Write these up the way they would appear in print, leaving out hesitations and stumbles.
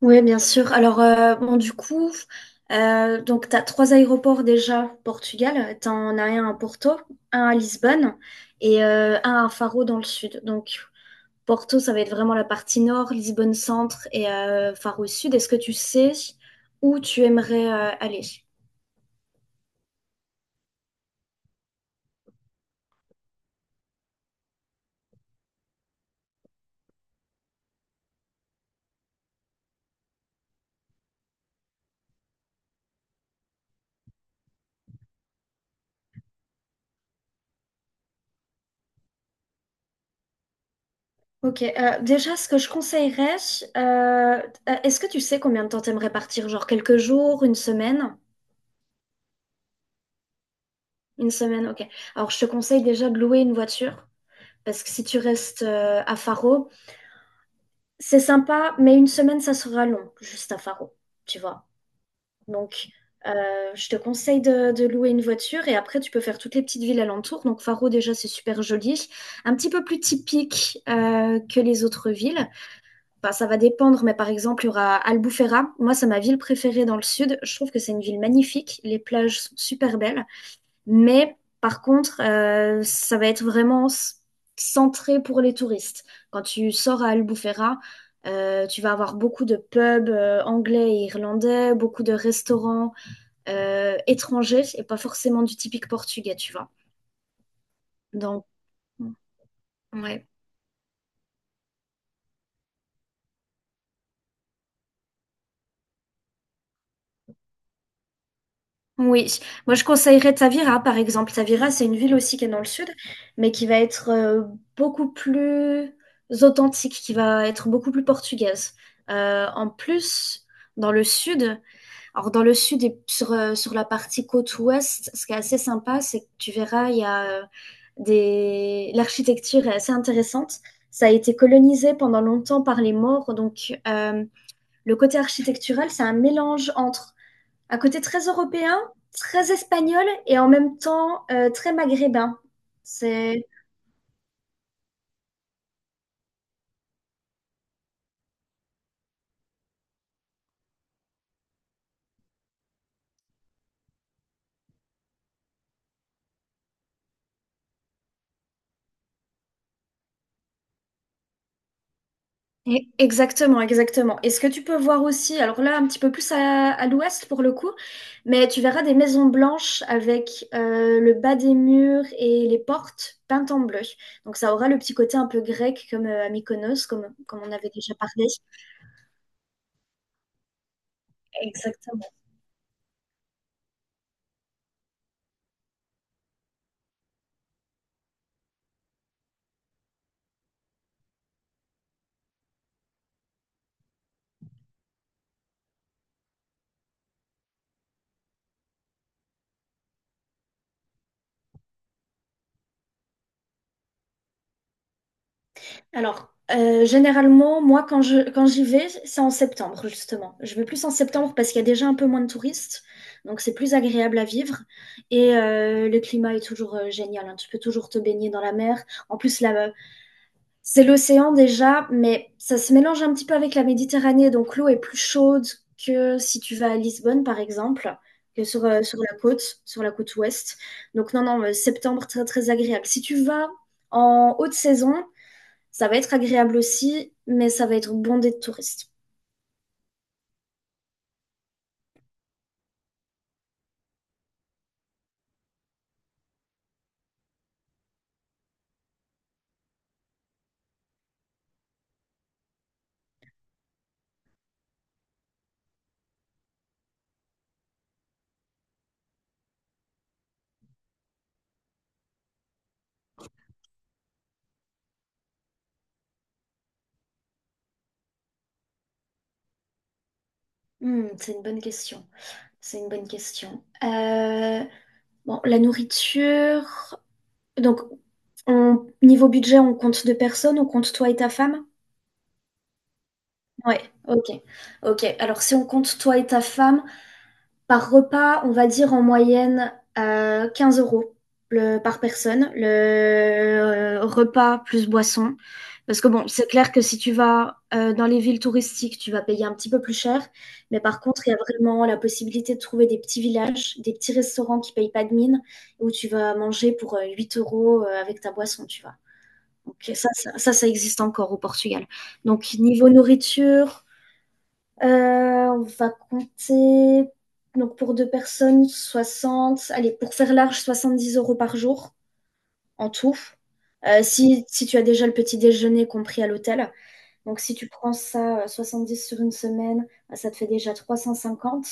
Oui, bien sûr. Alors, bon, du coup, donc, tu as trois aéroports déjà au Portugal. Tu en as un à Porto, un à Lisbonne et un à Faro dans le sud. Donc, Porto, ça va être vraiment la partie nord, Lisbonne centre et Faro sud. Est-ce que tu sais où tu aimerais aller? Ok, déjà, ce que je conseillerais, euh, est-ce que tu sais combien de temps t'aimerais partir? Genre quelques jours, une semaine? Une semaine, ok. Alors, je te conseille déjà de louer une voiture, parce que si tu restes à Faro, c'est sympa, mais une semaine, ça sera long, juste à Faro, tu vois. Donc, euh, je te conseille de louer une voiture et après, tu peux faire toutes les petites villes alentours. Donc, Faro, déjà, c'est super joli. Un petit peu plus typique que les autres villes. Bah ça va dépendre, mais par exemple, il y aura Albufeira. Moi, c'est ma ville préférée dans le sud. Je trouve que c'est une ville magnifique. Les plages sont super belles. Mais par contre, ça va être vraiment centré pour les touristes. Quand tu sors à Albufeira, tu vas avoir beaucoup de pubs anglais et irlandais, beaucoup de restaurants étrangers et pas forcément du typique portugais, tu vois. Donc, ouais. Oui, moi je conseillerais Tavira par exemple. Tavira, c'est une ville aussi qui est dans le sud, mais qui va être beaucoup plus authentique, qui va être beaucoup plus portugaise. En plus, dans le sud. Alors dans le sud et sur la partie côte ouest, ce qui est assez sympa, c'est que tu verras, il y a des... l'architecture est assez intéressante. Ça a été colonisé pendant longtemps par les Maures, donc le côté architectural, c'est un mélange entre un côté très européen, très espagnol et en même temps très maghrébin. Exactement, exactement. Et ce que tu peux voir aussi, alors là, un petit peu plus à l'ouest pour le coup, mais tu verras des maisons blanches avec le bas des murs et les portes peintes en bleu. Donc ça aura le petit côté un peu grec comme à Mykonos, comme on avait déjà parlé. Exactement. Alors, généralement, moi, quand j'y vais, c'est en septembre, justement. Je vais plus en septembre parce qu'il y a déjà un peu moins de touristes, donc c'est plus agréable à vivre. Et le climat est toujours génial, hein. Tu peux toujours te baigner dans la mer. En plus, là, c'est l'océan déjà, mais ça se mélange un petit peu avec la Méditerranée, donc l'eau est plus chaude que si tu vas à Lisbonne, par exemple, que sur la côte ouest. Donc non, non, septembre, très, très agréable. Si tu vas en haute saison, ça va être agréable aussi, mais ça va être bondé de touristes. C'est une bonne question. C'est une bonne question. Bon, la nourriture. Donc, niveau budget, on compte deux personnes, on compte toi et ta femme? Ouais, ok. Ok. Alors, si on compte toi et ta femme, par repas, on va dire en moyenne 15 € par personne, le repas plus boisson. Parce que bon, c'est clair que si tu vas dans les villes touristiques, tu vas payer un petit peu plus cher. Mais par contre, il y a vraiment la possibilité de trouver des petits villages, des petits restaurants qui payent pas de mine, où tu vas manger pour 8 € avec ta boisson, tu vois. Donc ça existe encore au Portugal. Donc niveau nourriture, euh, on va compter, donc pour deux personnes, 60. Allez, pour faire large, 70 € par jour en tout. Si tu as déjà le petit déjeuner compris à l'hôtel. Donc si tu prends ça, dix sur une semaine, bah, ça te fait déjà 350.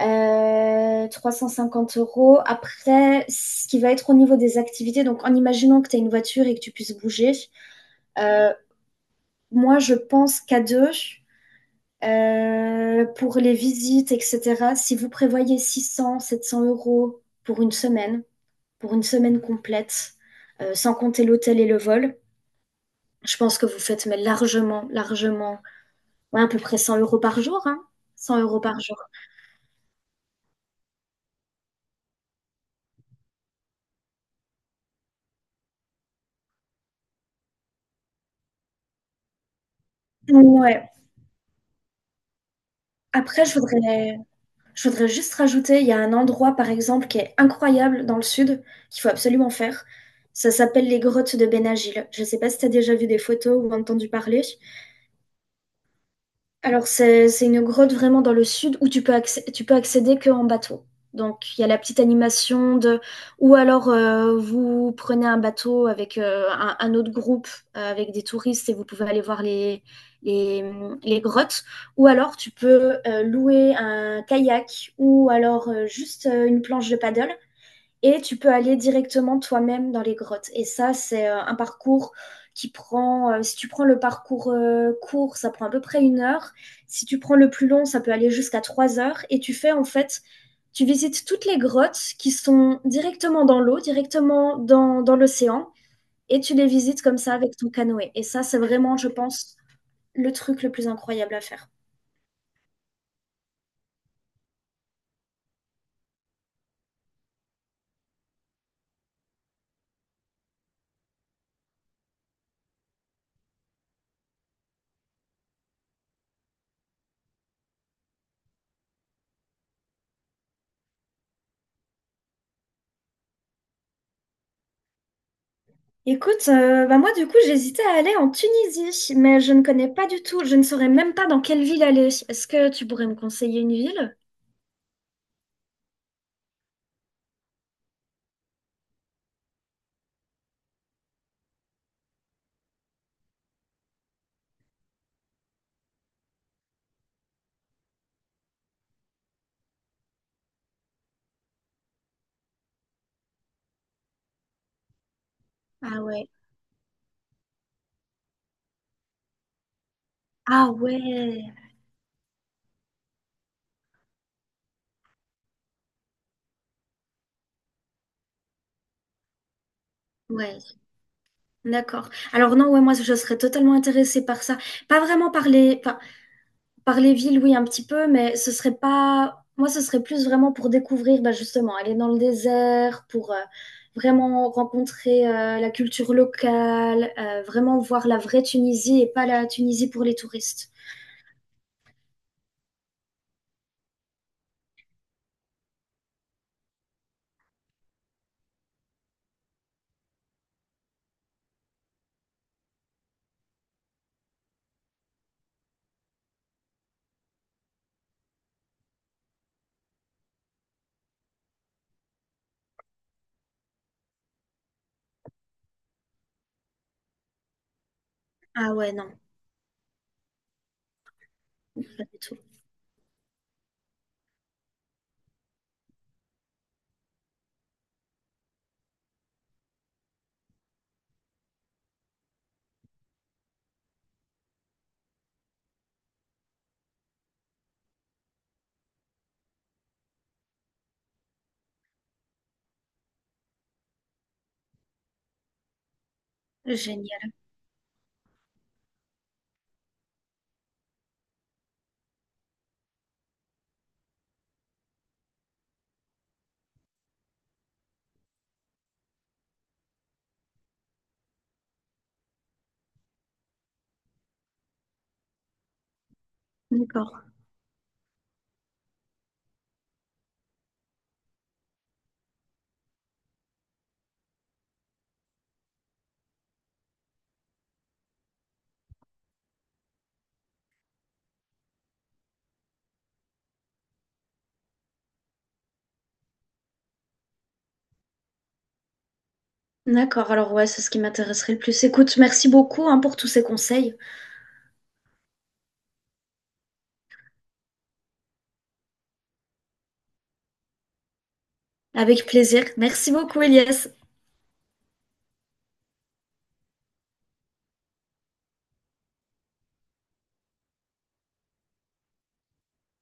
Trois cent cinquante euros. Après, ce qui va être au niveau des activités, donc en imaginant que tu as une voiture et que tu puisses bouger, euh, moi je pense qu'à deux. Pour les visites, etc., si vous prévoyez 600, 700 € pour une semaine complète, sans compter l'hôtel et le vol, je pense que vous faites mais largement, largement, ouais, à peu près 100 € par jour, hein, 100 € par jour. Ouais. Après, je voudrais juste rajouter, il y a un endroit, par exemple, qui est incroyable dans le sud, qu'il faut absolument faire. Ça s'appelle les grottes de Benagil. Je ne sais pas si tu as déjà vu des photos ou entendu parler. Alors, c'est une grotte vraiment dans le sud où tu peux accéder qu'en bateau. Donc, il y a la petite animation de. Ou alors, vous prenez un bateau avec un autre groupe, avec des touristes, et vous pouvez aller voir les, les grottes. Ou alors, tu peux louer un kayak, ou alors juste une planche de paddle. Et tu peux aller directement toi-même dans les grottes. Et ça, c'est un parcours qui prend, si tu prends le parcours court, ça prend à peu près une heure. Si tu prends le plus long, ça peut aller jusqu'à 3 heures. Et tu fais en fait, tu visites toutes les grottes qui sont directement dans l'eau, directement dans l'océan. Et tu les visites comme ça avec ton canoë. Et ça, c'est vraiment, je pense, le truc le plus incroyable à faire. Écoute, bah moi du coup j'hésitais à aller en Tunisie, mais je ne connais pas du tout, je ne saurais même pas dans quelle ville aller. Est-ce que tu pourrais me conseiller une ville? Ah ouais. Ah ouais. Ouais, d'accord. Alors non, ouais, moi je serais totalement intéressée par ça. Pas vraiment par enfin, par les villes, oui, un petit peu, mais ce serait pas. Moi, ce serait plus vraiment pour découvrir, bah justement, aller dans le désert, pour vraiment rencontrer la culture locale, vraiment voir la vraie Tunisie et pas la Tunisie pour les touristes. Ah ouais, non, pas du tout. Génial. D'accord. D'accord. Alors ouais, c'est ce qui m'intéresserait le plus. Écoute, merci beaucoup hein, pour tous ces conseils. Avec plaisir. Merci beaucoup, Elias.